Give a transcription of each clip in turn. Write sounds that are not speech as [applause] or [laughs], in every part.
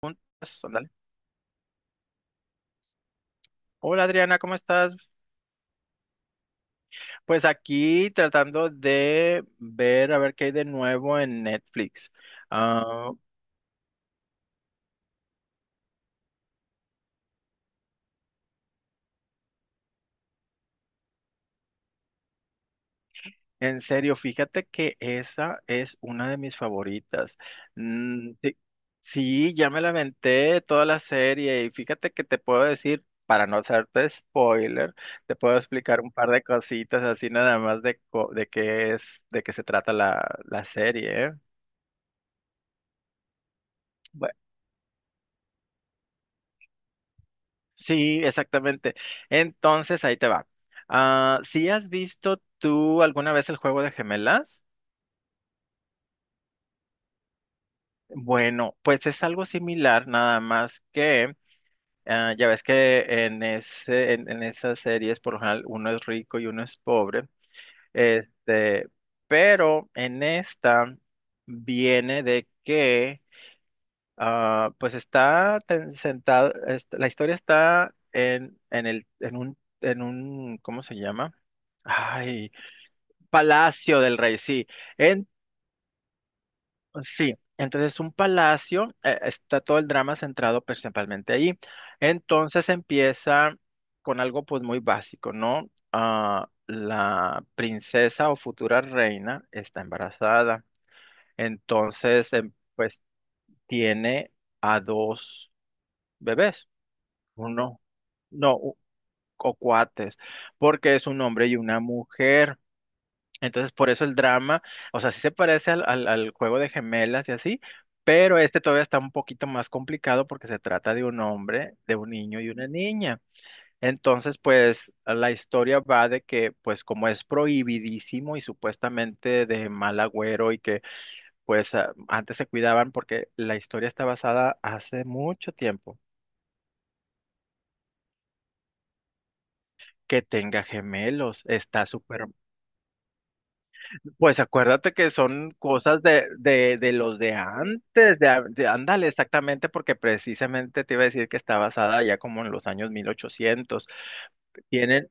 Preguntas. Ándale. Hola Adriana, ¿cómo estás? Pues aquí tratando de ver a ver qué hay de nuevo en Netflix. Ah, en serio, fíjate que esa es una de mis favoritas. Mm, sí, sí, ya me la aventé toda la serie y fíjate que te puedo decir, para no hacerte spoiler, te puedo explicar un par de cositas así nada más de, de qué es, de qué se trata la serie, ¿eh? Sí, exactamente. Entonces, ahí te va. Ah, si has visto tú alguna vez el juego de gemelas, bueno, pues es algo similar, nada más que ah, ya ves que en esas series, por lo general, uno es rico y uno es pobre. Este, pero en esta viene de que Ah, pues está sentado, la historia está en un, ¿cómo se llama? Ay, Palacio del Rey, sí. En, sí, entonces un palacio, está todo el drama centrado principalmente ahí. Entonces empieza con algo pues muy básico, ¿no? Ah, la princesa o futura reina está embarazada. Entonces, pues tiene a dos bebés. Uno, no, o cuates, porque es un hombre y una mujer. Entonces, por eso el drama, o sea, sí se parece al juego de gemelas y así, pero este todavía está un poquito más complicado porque se trata de un hombre, de un niño y una niña. Entonces, pues la historia va de que, pues como es prohibidísimo y supuestamente de mal agüero y que, pues antes se cuidaban porque la historia está basada hace mucho tiempo que tenga gemelos. Está súper. Pues acuérdate que son cosas de, de los de antes, ándale, exactamente, porque precisamente te iba a decir que está basada ya como en los años 1800 tienen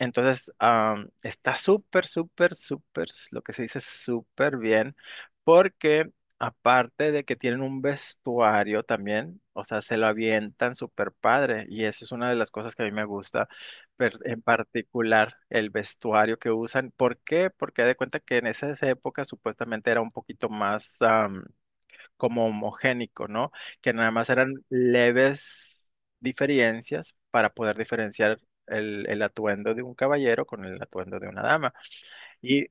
entonces, está súper, súper, súper, lo que se dice súper bien, porque aparte de que tienen un vestuario también, o sea, se lo avientan súper padre, y eso es una de las cosas que a mí me gusta, en particular el vestuario que usan. ¿Por qué? Porque haz de cuenta que en esas épocas supuestamente era un poquito más, como homogénico, ¿no? Que nada más eran leves diferencias para poder diferenciar el atuendo de un caballero con el atuendo de una dama. Y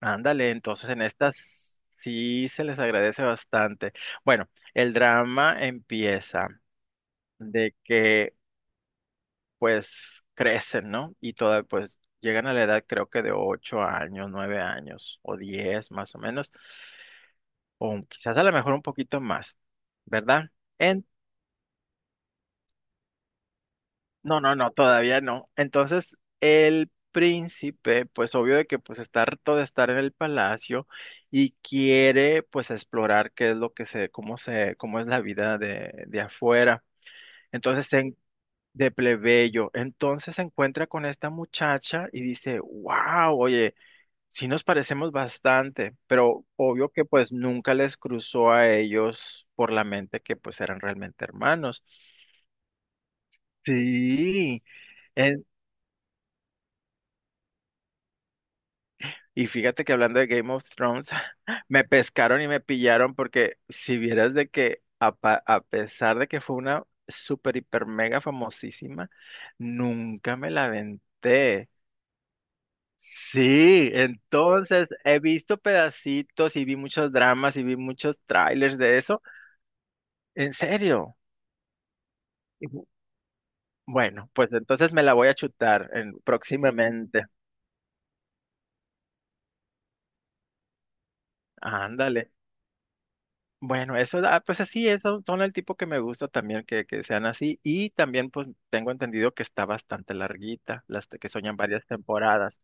ándale, entonces en estas sí se les agradece bastante. Bueno, el drama empieza de que pues crecen, ¿no? Pues llegan a la edad creo que de 8 años, 9 años o 10 más o menos, o quizás a lo mejor un poquito más, ¿verdad? No, no, no, todavía no. Entonces, el príncipe, pues obvio de que pues está harto de estar en el palacio y quiere pues explorar qué es lo que se, cómo es la vida de, afuera. Entonces, de plebeyo. Entonces se encuentra con esta muchacha y dice, wow, oye, sí nos parecemos bastante, pero obvio que pues nunca les cruzó a ellos por la mente que pues eran realmente hermanos. Sí. Y fíjate que hablando de Game of Thrones, [laughs] me pescaron y me pillaron porque si vieras de que a pesar de que fue una super hiper mega famosísima, nunca me la aventé. Sí, entonces he visto pedacitos y vi muchos dramas y vi muchos trailers de eso. ¿En serio? Y bu- Bueno, pues entonces me la voy a chutar próximamente. Ándale. Bueno, pues así, eso son el tipo que me gusta también que sean así. Y también, pues tengo entendido que está bastante larguita, que soñan varias temporadas.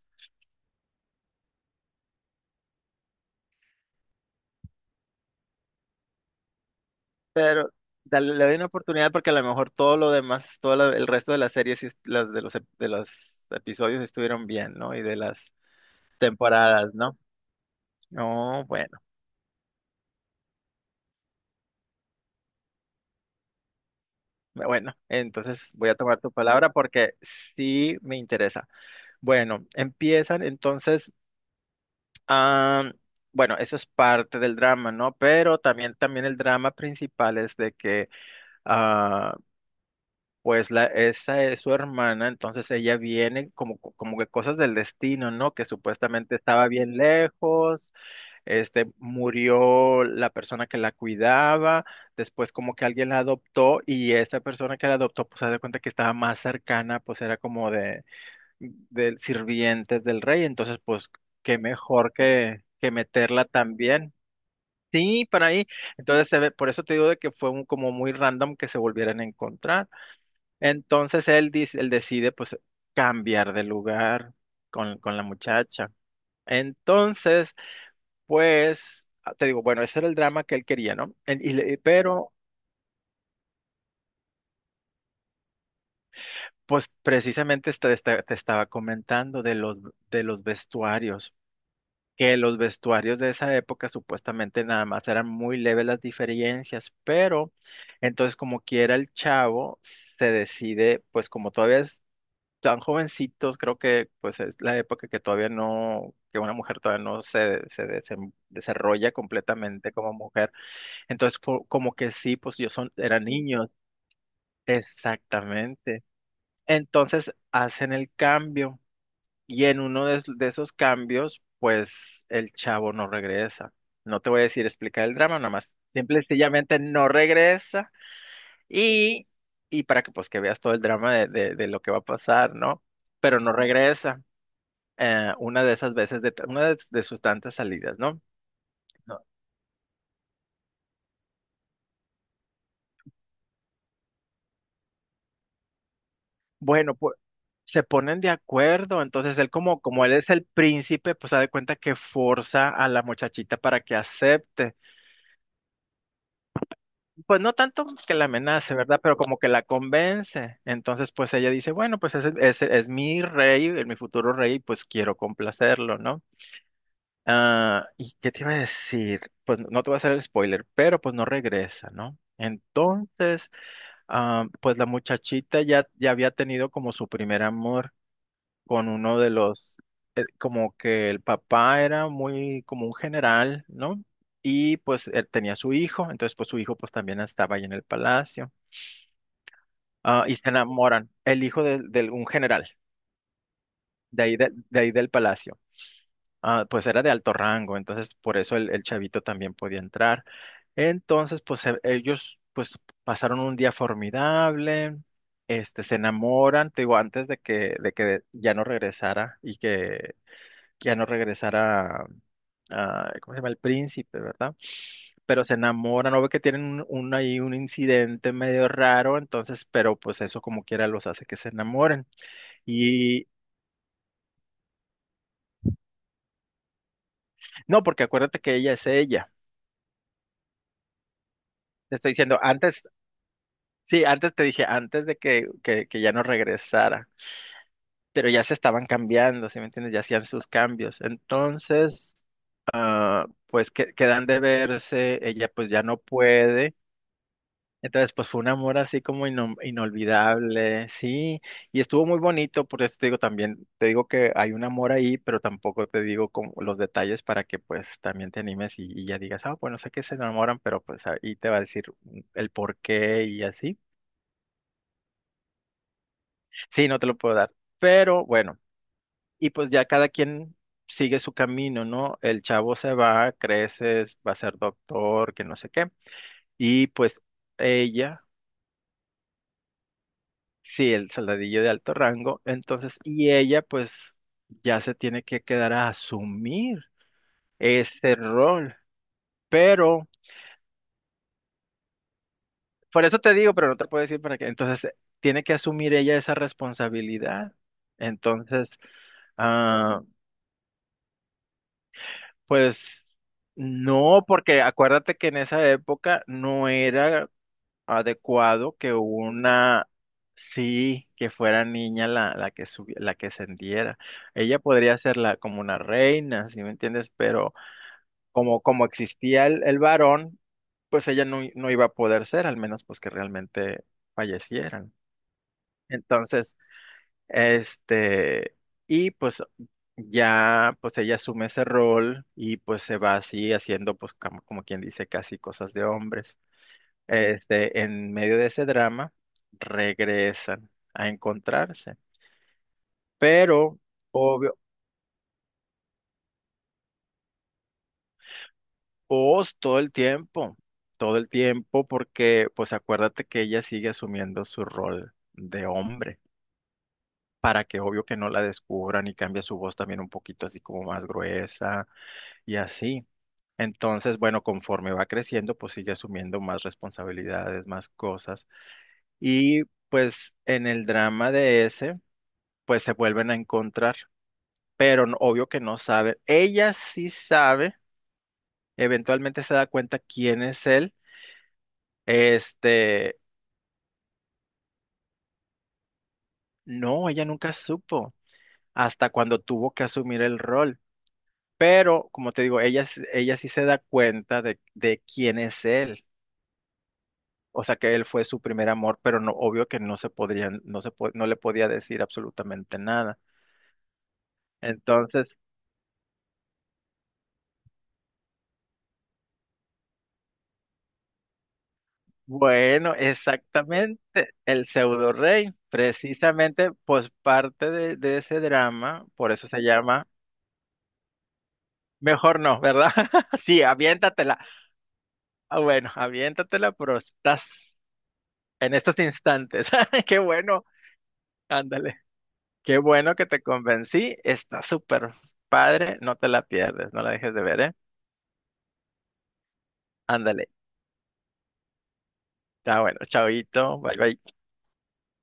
Pero le doy una oportunidad porque a lo mejor todo lo demás, el resto de las series, sí las de los, ep- de los episodios estuvieron bien, ¿no? Y de las temporadas, ¿no? No, bueno, bueno, entonces voy a tomar tu palabra porque sí me interesa. Bueno, empiezan entonces. Ah, bueno, eso es parte del drama, ¿no? Pero también, el drama principal es de que, ah, pues esa es su hermana, entonces ella viene como que cosas del destino, ¿no? Que supuestamente estaba bien lejos, murió la persona que la cuidaba, después como que alguien la adoptó y esa persona que la adoptó, pues se da cuenta que estaba más cercana, pues era como de del sirvientes del rey, entonces pues qué mejor que, meterla también. Sí, para ahí. Entonces se ve, por eso te digo de que fue un, como muy random que se volvieran a encontrar. Entonces él, él decide pues cambiar de lugar con la muchacha. Entonces, pues, te digo, bueno, ese era el drama que él quería, ¿no? Pero, pues precisamente te estaba comentando de los, vestuarios. Que los vestuarios de esa época supuestamente nada más eran muy leves las diferencias, pero entonces como quiera el chavo se decide, pues como todavía es tan jovencitos, creo que pues es la época que todavía no, que una mujer todavía no se desarrolla completamente como mujer, entonces como que sí, pues eran niños, exactamente. Entonces hacen el cambio. Y en uno de esos cambios, pues el chavo no regresa. No te voy a decir explicar el drama, nada más. Simple y sencillamente no regresa. Y, y para que pues que veas todo el drama de lo que va a pasar, ¿no? Pero no regresa. Una de esas veces, una de sus tantas salidas, ¿no? No. Bueno, pues se ponen de acuerdo. Entonces él como, como él es el príncipe, pues se da cuenta que forza a la muchachita para que acepte. Pues no tanto que la amenace, ¿verdad? Pero como que la convence. Entonces, pues ella dice, bueno, pues ese es mi rey, es mi futuro rey, pues quiero complacerlo, ¿no? Ah, ¿y qué te iba a decir? Pues no te voy a hacer el spoiler, pero pues no regresa, ¿no? Entonces, pues la muchachita ya había tenido como su primer amor con uno de los, como que el papá era muy como un general, ¿no? Y pues él tenía su hijo, entonces pues su hijo pues también estaba ahí en el palacio. Ah, y se enamoran. El hijo de un general, de ahí, de, ahí del palacio, pues era de alto rango, entonces por eso el chavito también podía entrar. Entonces, pues ellos pues pasaron un día formidable, se enamoran, te digo, antes de que, ya no regresara y que ya no regresara, ¿cómo se llama? El príncipe, ¿verdad? Pero se enamoran, o ve que tienen un, ahí un incidente medio raro, entonces, pero pues eso como quiera los hace que se enamoren. Y no, porque acuérdate que ella es ella. Te estoy diciendo, antes, sí, antes te dije, antes de que, ya no regresara, pero ya se estaban cambiando, ¿sí me entiendes? Ya hacían sus cambios. Entonces, pues quedan de verse, ella pues ya no puede. Entonces, pues fue un amor así como inolvidable, sí, y estuvo muy bonito, por eso te digo también, te digo que hay un amor ahí, pero tampoco te digo como los detalles para que pues también te animes y ya digas, bueno, sé que se enamoran, pero pues ahí te va a decir el por qué y así. Sí, no te lo puedo dar, pero bueno, y pues ya cada quien sigue su camino, ¿no? El chavo se va, creces, va a ser doctor, que no sé qué, y pues ella. Sí, el soldadillo de alto rango. Entonces, y ella pues ya se tiene que quedar a asumir ese rol. Pero, por eso te digo, pero no te puedo decir para qué. Entonces, tiene que asumir ella esa responsabilidad. Entonces, ah, pues no, porque acuérdate que en esa época no era adecuado que una, sí, que fuera niña la que la que ascendiera. Ella podría ser como una reina, ¿sí me entiendes? Pero como existía el varón, pues ella no iba a poder ser, al menos pues que realmente fallecieran. Entonces, este, y pues ya, pues ella asume ese rol y pues se va así haciendo pues como quien dice casi cosas de hombres. En medio de ese drama, regresan a encontrarse. Pero, obvio, Oz todo el tiempo, porque, pues acuérdate que ella sigue asumiendo su rol de hombre, para que obvio que no la descubran y cambia su voz también un poquito así como más gruesa y así. Entonces, bueno, conforme va creciendo, pues sigue asumiendo más responsabilidades, más cosas. Y pues en el drama de ese, pues se vuelven a encontrar pero obvio que no sabe. Ella sí sabe, eventualmente se da cuenta quién es él. Este, no, ella nunca supo hasta cuando tuvo que asumir el rol. Pero, como te digo, ella, ella sí se da cuenta de quién es él. O sea, que él fue su primer amor, pero no, obvio que no se podrían, no le podía decir absolutamente nada. Entonces, bueno, exactamente, el pseudo rey, precisamente, pues parte de ese drama, por eso se llama, mejor no, ¿verdad? [laughs] Sí, aviéntatela. Ah, bueno, aviéntatela, pero estás en estos instantes. [laughs] Qué bueno, ándale, qué bueno que te convencí, está súper padre, no te la pierdes, no la dejes de ver, ¿eh? Ándale, está bueno, chaoito, bye bye.